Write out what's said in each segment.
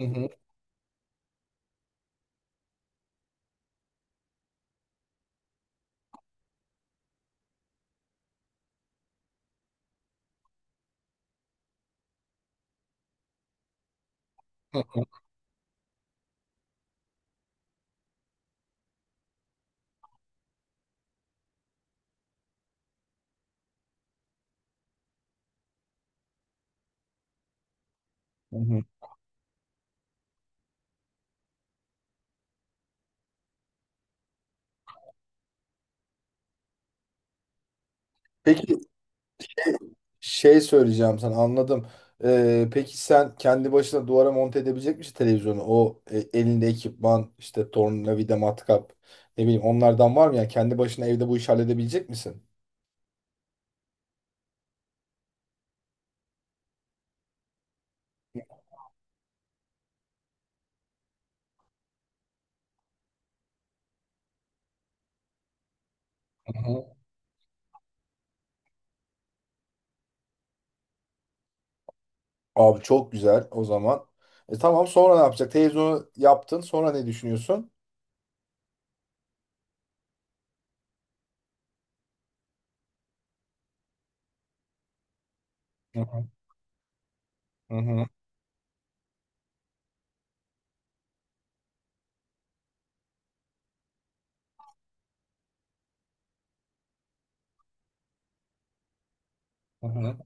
Hı hı, hı hı, hı hı. Peki şey söyleyeceğim sana anladım. Peki sen kendi başına duvara monte edebilecek misin televizyonu? O elinde ekipman işte tornavida matkap ne bileyim onlardan var mı ya? Kendi başına evde bu işi halledebilecek misin? Hı hı. Abi çok güzel o zaman. E tamam sonra ne yapacak? Televizyonu yaptın sonra ne düşünüyorsun? Hı hı, hı hı, hı hı.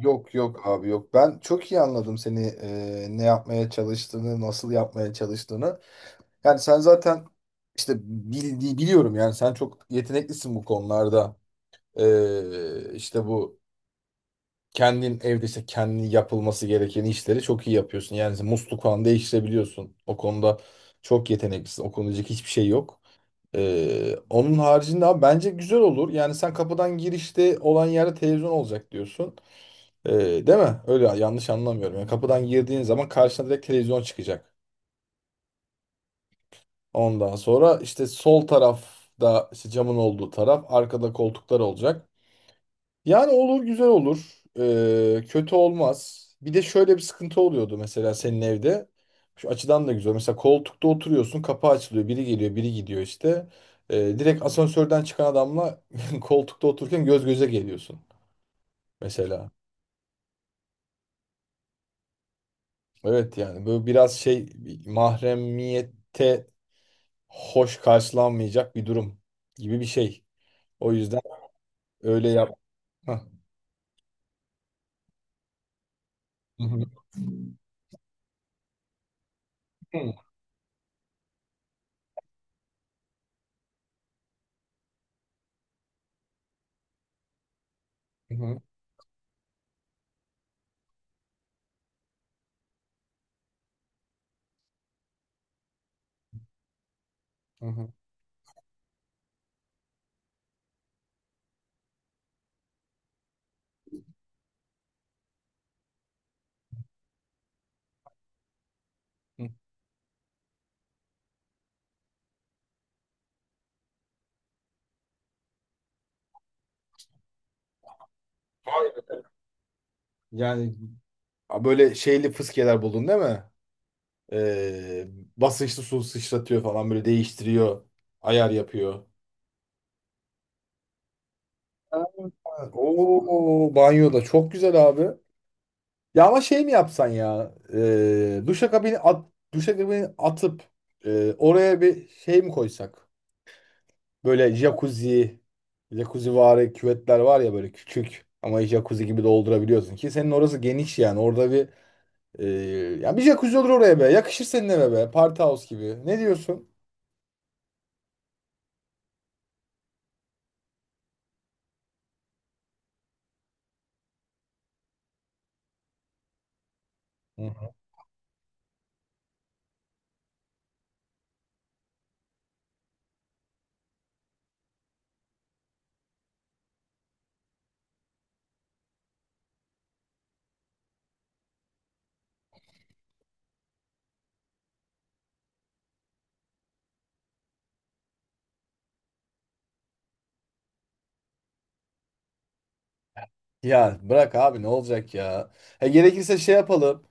Yok yok abi yok. Ben çok iyi anladım seni, ne yapmaya çalıştığını, nasıl yapmaya çalıştığını. Yani sen zaten işte biliyorum yani sen çok yeteneklisin bu konularda. İşte bu kendin evde işte kendin yapılması gereken işleri çok iyi yapıyorsun. Yani mesela musluk falan değiştirebiliyorsun. O konuda çok yeteneklisin. O konuda diyecek hiçbir şey yok. Onun haricinde abi bence güzel olur. Yani sen kapıdan girişte olan yerde televizyon olacak diyorsun. Ee, Değil mi? Öyle yanlış anlamıyorum. Yani kapıdan girdiğin zaman karşına direkt televizyon çıkacak. Ondan sonra işte sol tarafta işte camın olduğu taraf arkada koltuklar olacak. Yani olur güzel olur. Kötü olmaz. Bir de şöyle bir sıkıntı oluyordu mesela senin evde. Şu açıdan da güzel. Mesela koltukta oturuyorsun, kapı açılıyor. Biri geliyor biri gidiyor işte. Direkt asansörden çıkan adamla koltukta otururken göz göze geliyorsun mesela. Evet, yani böyle biraz şey, mahremiyette hoş karşılanmayacak bir durum gibi bir şey. O yüzden öyle yap. Hah. Hı hı. Hı hı. Hı hı. Hı. Vay be. Yani böyle şeyli fıskiyeler buldun değil mi? Ee, Basınçlı su sıçratıyor falan böyle değiştiriyor. Ayar yapıyor. Ha, oo, banyoda çok güzel abi. Ya ama şey mi yapsan ya? Duşakabini atıp oraya bir şey mi koysak? Böyle jacuzzi vari küvetler var ya, böyle küçük ama jacuzzi gibi doldurabiliyorsun, ki senin orası geniş yani. Orada bir Ee, ya bir jacuzzi olur oraya be. Yakışır senin eve be. Party house gibi. Ne diyorsun? Hı hı. Ya bırak abi, ne olacak ya. Gerekirse şey yapalım.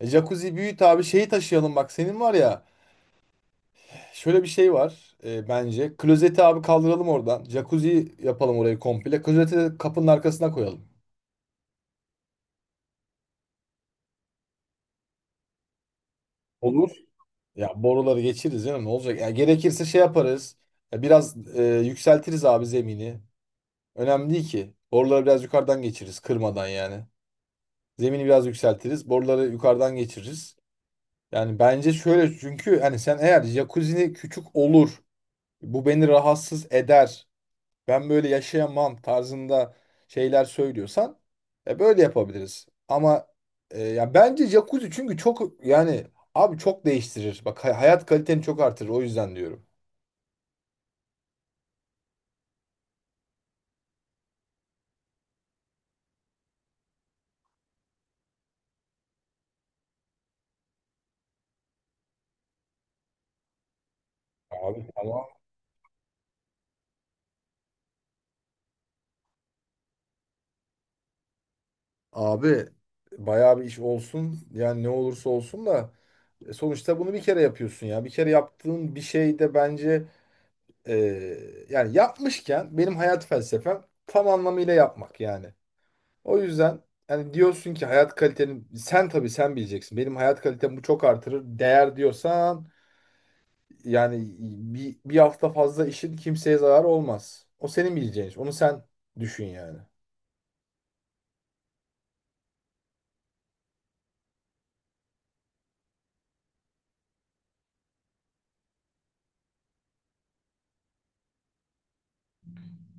Jacuzzi büyüt abi, şeyi taşıyalım bak. Senin var ya şöyle bir şey var, bence. Klozeti abi kaldıralım oradan. Jacuzzi yapalım orayı komple. Klozeti de kapının arkasına koyalım. Olur. Ya boruları geçiririz canım, ne olacak? Ya gerekirse şey yaparız. Ya biraz yükseltiriz abi zemini. Önemli değil ki. Boruları biraz yukarıdan geçiririz kırmadan yani. Zemini biraz yükseltiriz. Boruları yukarıdan geçiririz. Yani bence şöyle, çünkü hani sen eğer jacuzzi küçük olur, bu beni rahatsız eder, ben böyle yaşayamam tarzında şeyler söylüyorsan böyle yapabiliriz. Ama ya bence jacuzzi, çünkü çok yani, abi, çok değiştirir. Bak, hayat kaliteni çok artırır, o yüzden diyorum. Abi tamam. Abi bayağı bir iş olsun, yani ne olursa olsun da sonuçta bunu bir kere yapıyorsun ya. Bir kere yaptığın bir şey de bence, Ee, yani yapmışken, benim hayat felsefem tam anlamıyla yapmak yani. O yüzden, yani diyorsun ki hayat kaliteni, sen tabii sen bileceksin. Benim hayat kalitem bu çok artırır. Değer diyorsan, yani bir hafta fazla işin kimseye zararı olmaz. O senin bileceğin iş. Onu sen düşün yani.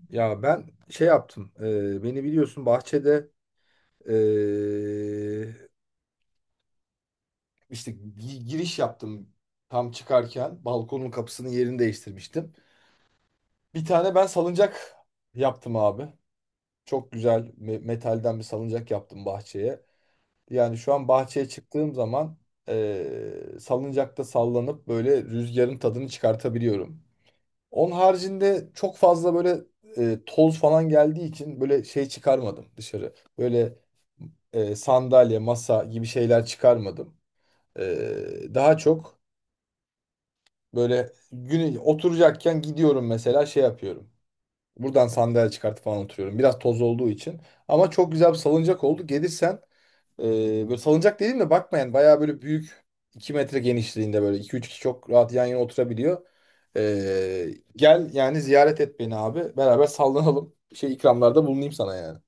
Ya ben şey yaptım. Beni biliyorsun, bahçede e, işte giriş yaptım, tam çıkarken balkonun kapısının yerini değiştirmiştim. Bir tane ben salıncak yaptım abi. Çok güzel metalden bir salıncak yaptım bahçeye. Yani şu an bahçeye çıktığım zaman salıncakta sallanıp böyle rüzgarın tadını çıkartabiliyorum. Onun haricinde çok fazla böyle toz falan geldiği için böyle şey çıkarmadım dışarı. Böyle sandalye, masa gibi şeyler çıkarmadım. Daha çok böyle, günü oturacakken gidiyorum mesela şey yapıyorum. Buradan sandalye çıkartıp falan oturuyorum. Biraz toz olduğu için. Ama çok güzel bir salıncak oldu. Gelirsen e, böyle salıncak dedim de bakma, yani bayağı böyle büyük, 2 metre genişliğinde, böyle 2-3 kişi çok rahat yan yana oturabiliyor. E, gel yani, ziyaret et beni abi. Beraber sallanalım. Şey, ikramlarda bulunayım sana yani.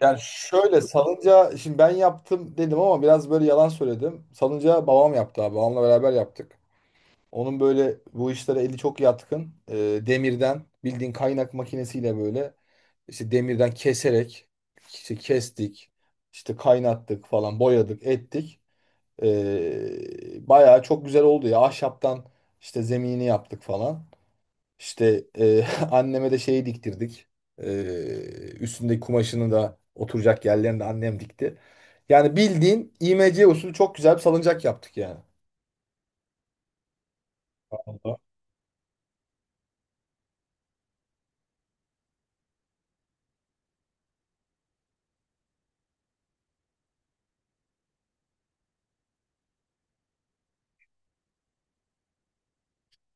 Yani şöyle, salıncağı şimdi ben yaptım dedim ama biraz böyle yalan söyledim. Salıncağı babam yaptı abi. Babamla beraber yaptık. Onun böyle bu işlere eli çok yatkın. Demirden, bildiğin kaynak makinesiyle böyle, İşte demirden keserek işte kestik, işte kaynattık falan, boyadık, ettik. Bayağı çok güzel oldu ya. Ahşaptan işte zemini yaptık falan. İşte anneme de şeyi diktirdik. Ee, Üstündeki kumaşını da oturacak yerlerini de annem dikti. Yani bildiğin IMC usulü çok güzel bir salıncak yaptık yani.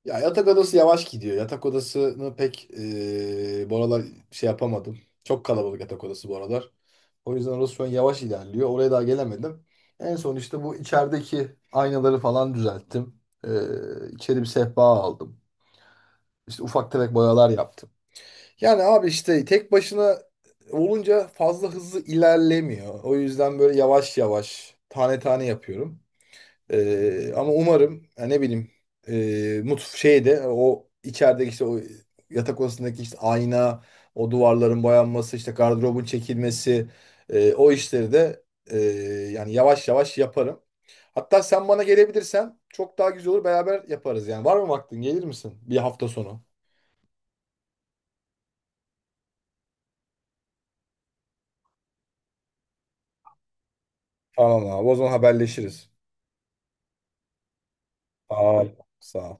Ya yatak odası yavaş gidiyor. Yatak odasını pek bu aralar şey yapamadım. Çok kalabalık yatak odası bu aralar. O yüzden orası şu an yavaş ilerliyor. Oraya daha gelemedim. En son işte bu içerideki aynaları falan düzelttim. İçeri bir sehpa aldım. İşte ufak tefek boyalar yaptım. Yani abi, işte tek başına olunca fazla hızlı ilerlemiyor. O yüzden böyle yavaş yavaş, tane tane yapıyorum. Ama umarım ya, ne bileyim, e, mutf şeyde, o içerideki işte o yatak odasındaki işte ayna, o duvarların boyanması, işte gardırobun çekilmesi, o işleri de, yani yavaş yavaş yaparım. Hatta sen bana gelebilirsen çok daha güzel olur, beraber yaparız yani. Var mı vaktin? Gelir misin bir hafta sonu? Tamam abi, o zaman haberleşiriz. Tamam. Sağ ol.